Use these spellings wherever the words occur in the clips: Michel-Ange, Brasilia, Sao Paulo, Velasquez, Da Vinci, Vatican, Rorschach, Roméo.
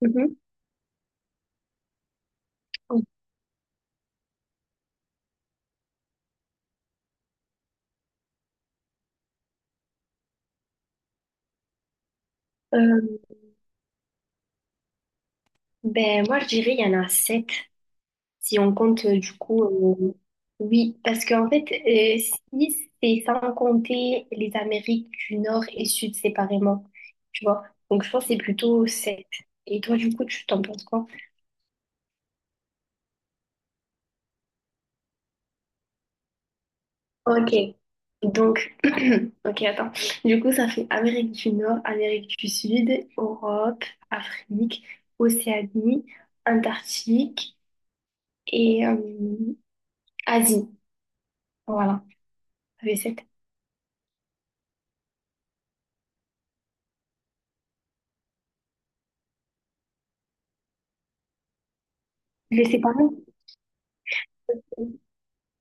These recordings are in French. Mhm. Euh, ben, moi, je dirais il y en a sept, si on compte du coup. Oui, parce qu'en fait, si c'est sans compter les Amériques du Nord et Sud séparément, tu vois. Donc, je pense que c'est plutôt sept. Et toi, du coup, tu t'en penses quoi? Ok. Donc, ok, attends. Du coup, ça fait Amérique du Nord, Amérique du Sud, Europe, Afrique, Océanie, Antarctique et Asie. Voilà. Les séparer?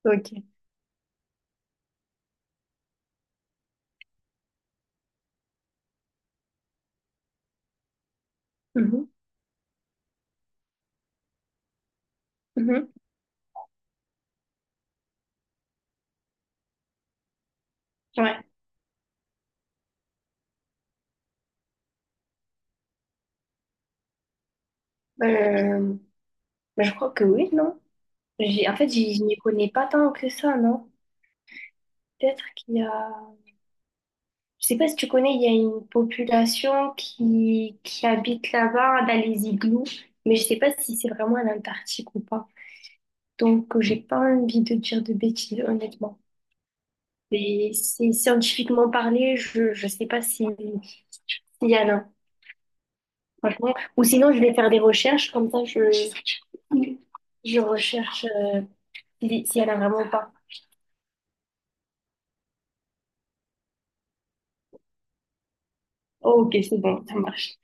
Ok. Mhm. Mhm. Ouais. Euh, Bah, je crois que oui, non? J'ai, en fait, j'y- Je n'y connais pas tant que ça, non? Peut-être qu'il y a... Je sais pas si tu connais, il y a une population qui habite là-bas, dans les igloos, mais je sais pas si c'est vraiment en Antarctique ou pas. Donc, j'ai pas envie de dire de bêtises, honnêtement. Et c'est scientifiquement parlé, je sais pas si, s'il y en a, franchement. Ou sinon, je vais faire des recherches, comme ça, je... Je recherche si elle a vraiment ou pas. Oh, ok, c'est bon, ça marche.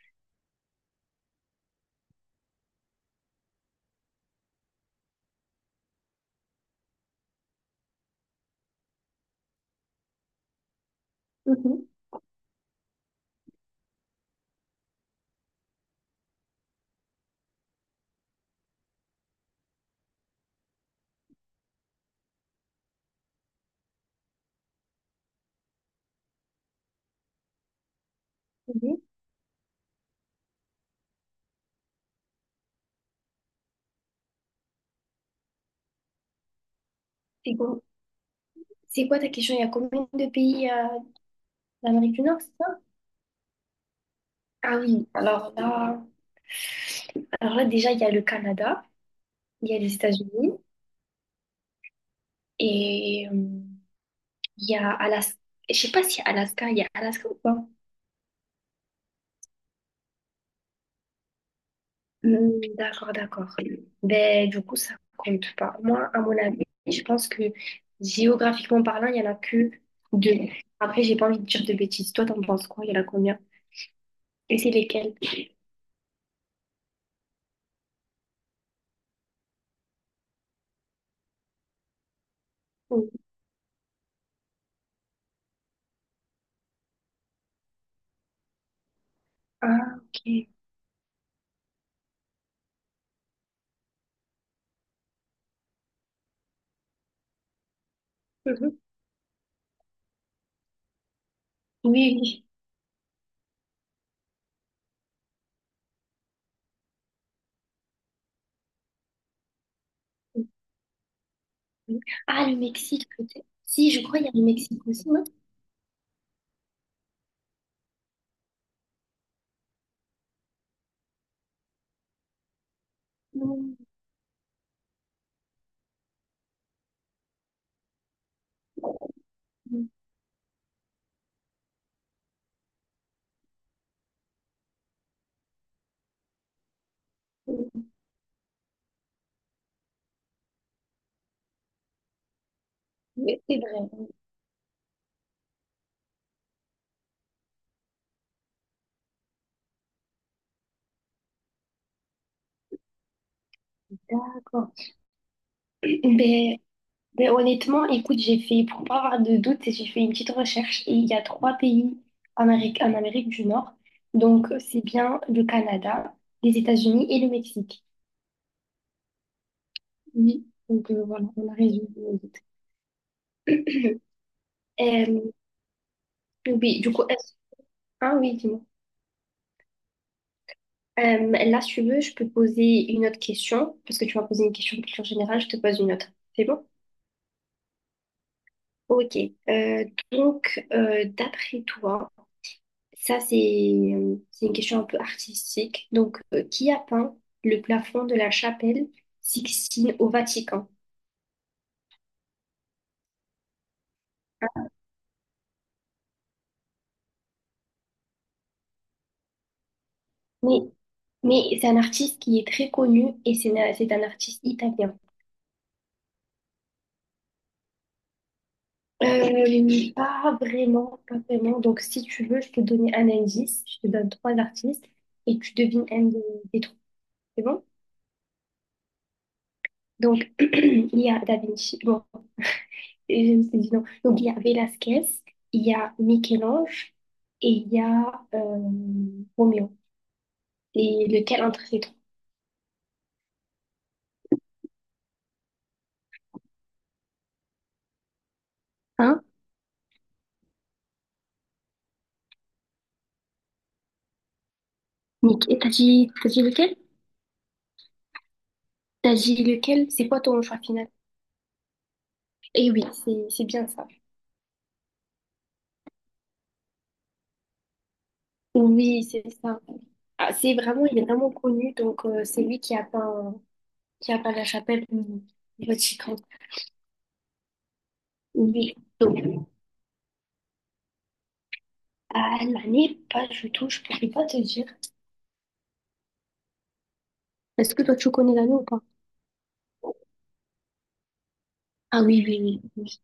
Mhm, mhm. C'est bon, c'est quoi ta question? Il y a combien de pays d'Amérique du Nord, c'est ça? Ah oui, alors là déjà, il y a le Canada, il y a les États-Unis et il y a Alaska. Je sais pas si il y a Alaska ou pas. Hmm, d'accord, d'accord. Ben, du coup, ça compte pas. Moi, à mon avis, je pense que géographiquement parlant, il y en a que deux. Après, j'ai pas envie de dire de bêtises. Toi, t'en penses quoi? Il y en a combien? Et c'est lesquels? Oh, ah, ok. Mhm. Oui, oui. Mhm. Ah, le Mexique, peut-être. Si, je crois qu'il y a le Mexique aussi, non? Mhm. Oui, c'est vrai. D'accord. Ben, mais honnêtement, écoute, pour pas avoir de doute, j'ai fait une petite recherche et il y a trois pays en Amérique du Nord. Donc, c'est bien le Canada, les États-Unis et le Mexique. Oui. Donc, voilà, on a résolu le doute. Euh, oui, du coup, ah oui, dis-moi. Là, si tu veux, je peux poser une autre question, parce que tu m'as posé une question de culture générale, je te pose une autre. C'est bon? Ok. Euh, D'après toi, ça, c'est une question un peu artistique. Donc, qui a peint le plafond de la chapelle Sixtine au Vatican? Mais, mais c'est un artiste qui est très connu et c'est un artiste italien. Pas vraiment, pas vraiment. Donc, si tu veux, je peux te donner un indice. Je te donne trois artistes et tu devines un des trois. C'est bon? Donc, il y a Da Vinci. Bon, et je me suis dit non. Donc, il y a Velasquez, il y a Michel-Ange et il y a Roméo. Et lequel entre ces trois? Hein? Nick. Et t'as dit lequel? T'as dit lequel? C'est quoi ton choix final? Et oui, c'est bien ça. Oui, c'est ça. Ah, c'est vraiment, il est vraiment connu. Donc, c'est lui qui a peint la chapelle du Vatican. Oui. Donc, à l'année, pas du tout, je pourrais pas te dire. Est-ce que toi, tu connais l'année ou pas? Ah oui, oui, oui.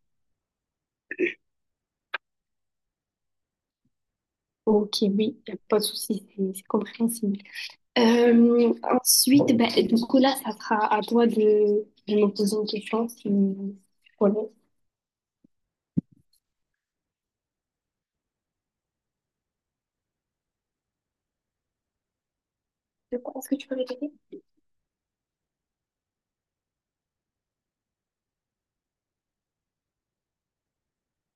Ok, oui, y a pas de souci, c'est compréhensible. Ensuite, ben, du coup, là, ça sera à toi de me poser une question si tu connais. De quoi? Est-ce que tu peux répéter?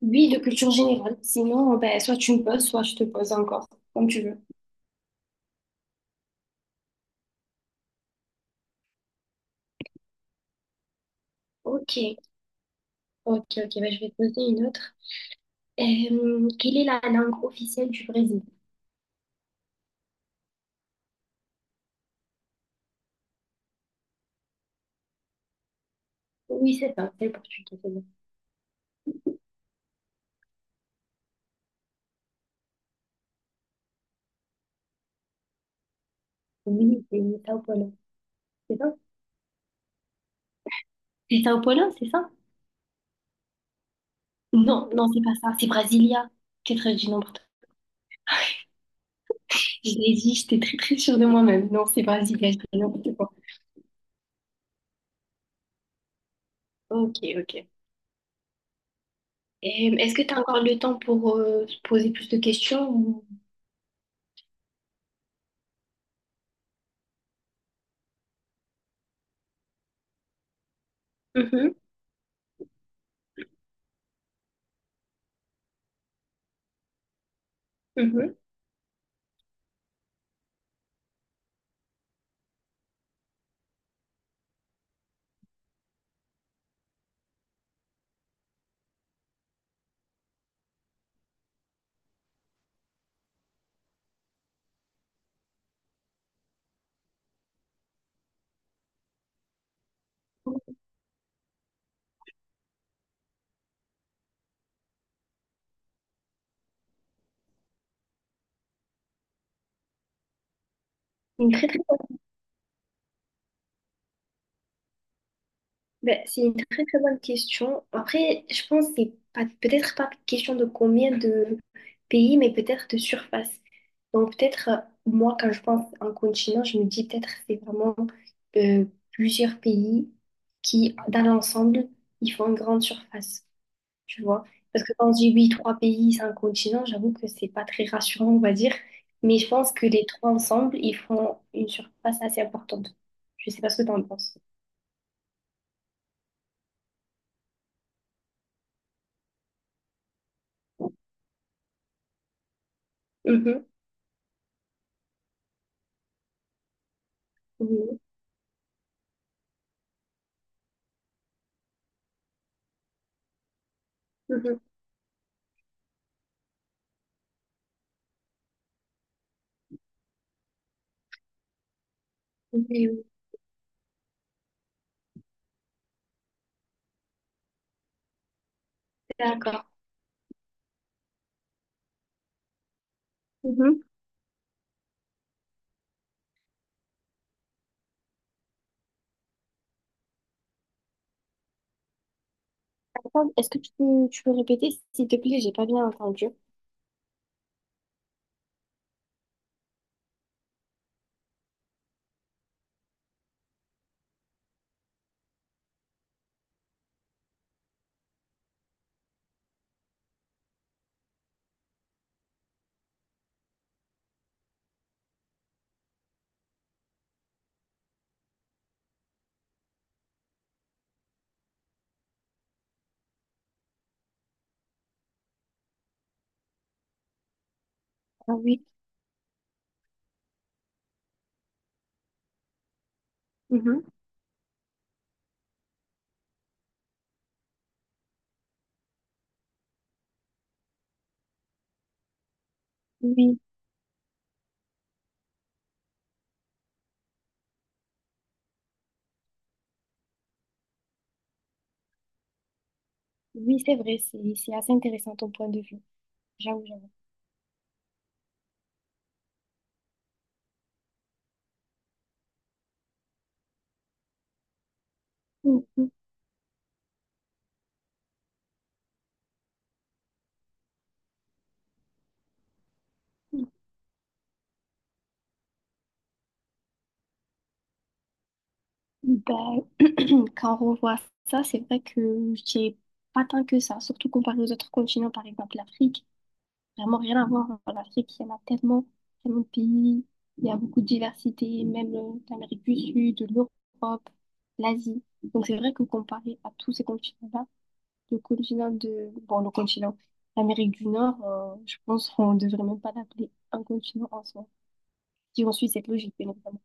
Oui, de culture générale. Sinon, ben, soit tu me poses, soit je te pose encore, comme tu veux. Ok, ok, bah, je vais te poser une autre. Quelle est la langue officielle du Brésil? Oui, c'est ça, c'est le portugais, c'est bon. Oui, c'est Sao Paulo, c'est ça? C'est Sao Paulo, c'est ça? Non, non, c'est pas ça, c'est Brasilia. Qu'est-ce que je l'ai dit, j'étais très très sûre de moi-même. Non, c'est Brasilia, je dis n'importe quoi. Ok, ok. Et est-ce que tu as encore le temps pour se poser plus de questions ou- Mhm, mhm. Une très, très bonne- ben, c'est une très très bonne question. Après, je pense que c'est pas peut-être pas question de combien de pays, mais peut-être de surface. Donc peut-être moi quand je pense en continent, je me dis peut-être c'est vraiment euh, plusieurs pays qui dans l'ensemble ils font une grande surface. Tu vois. Parce que quand on dit oui, trois pays, cinq continents, j'avoue que c'est pas très rassurant, on va dire. Mais je pense que les trois ensemble, ils font une surface assez importante. Je sais pas ce que t'en penses. Mhm, mhm, mhm. Oui, oui. D'accord. Mhm. Attends, est-ce que tu peux répéter, s'il te plaît? J'ai pas bien entendu. Ah oui, mhm. Oui, oui, c'est vrai, c'est assez intéressant ton point de vue. J'avoue, j'avoue. Mhm. D'accord. Quand on revoit ça, c'est vrai que j'ai pas tant que ça, surtout comparé aux autres continents, par exemple l'Afrique. Vraiment rien à voir. En Afrique, il y en a tellement, tellement de pays, il y a beaucoup de diversité, même l'Amérique du Sud, l'Europe, l'Asie. Donc c'est vrai que comparé à tous ces continents-là, le continent de... Bon, le continent, l'Amérique du Nord, je pense qu'on ne devrait même pas l'appeler un continent en soi, si on suit cette logique, bien évidemment.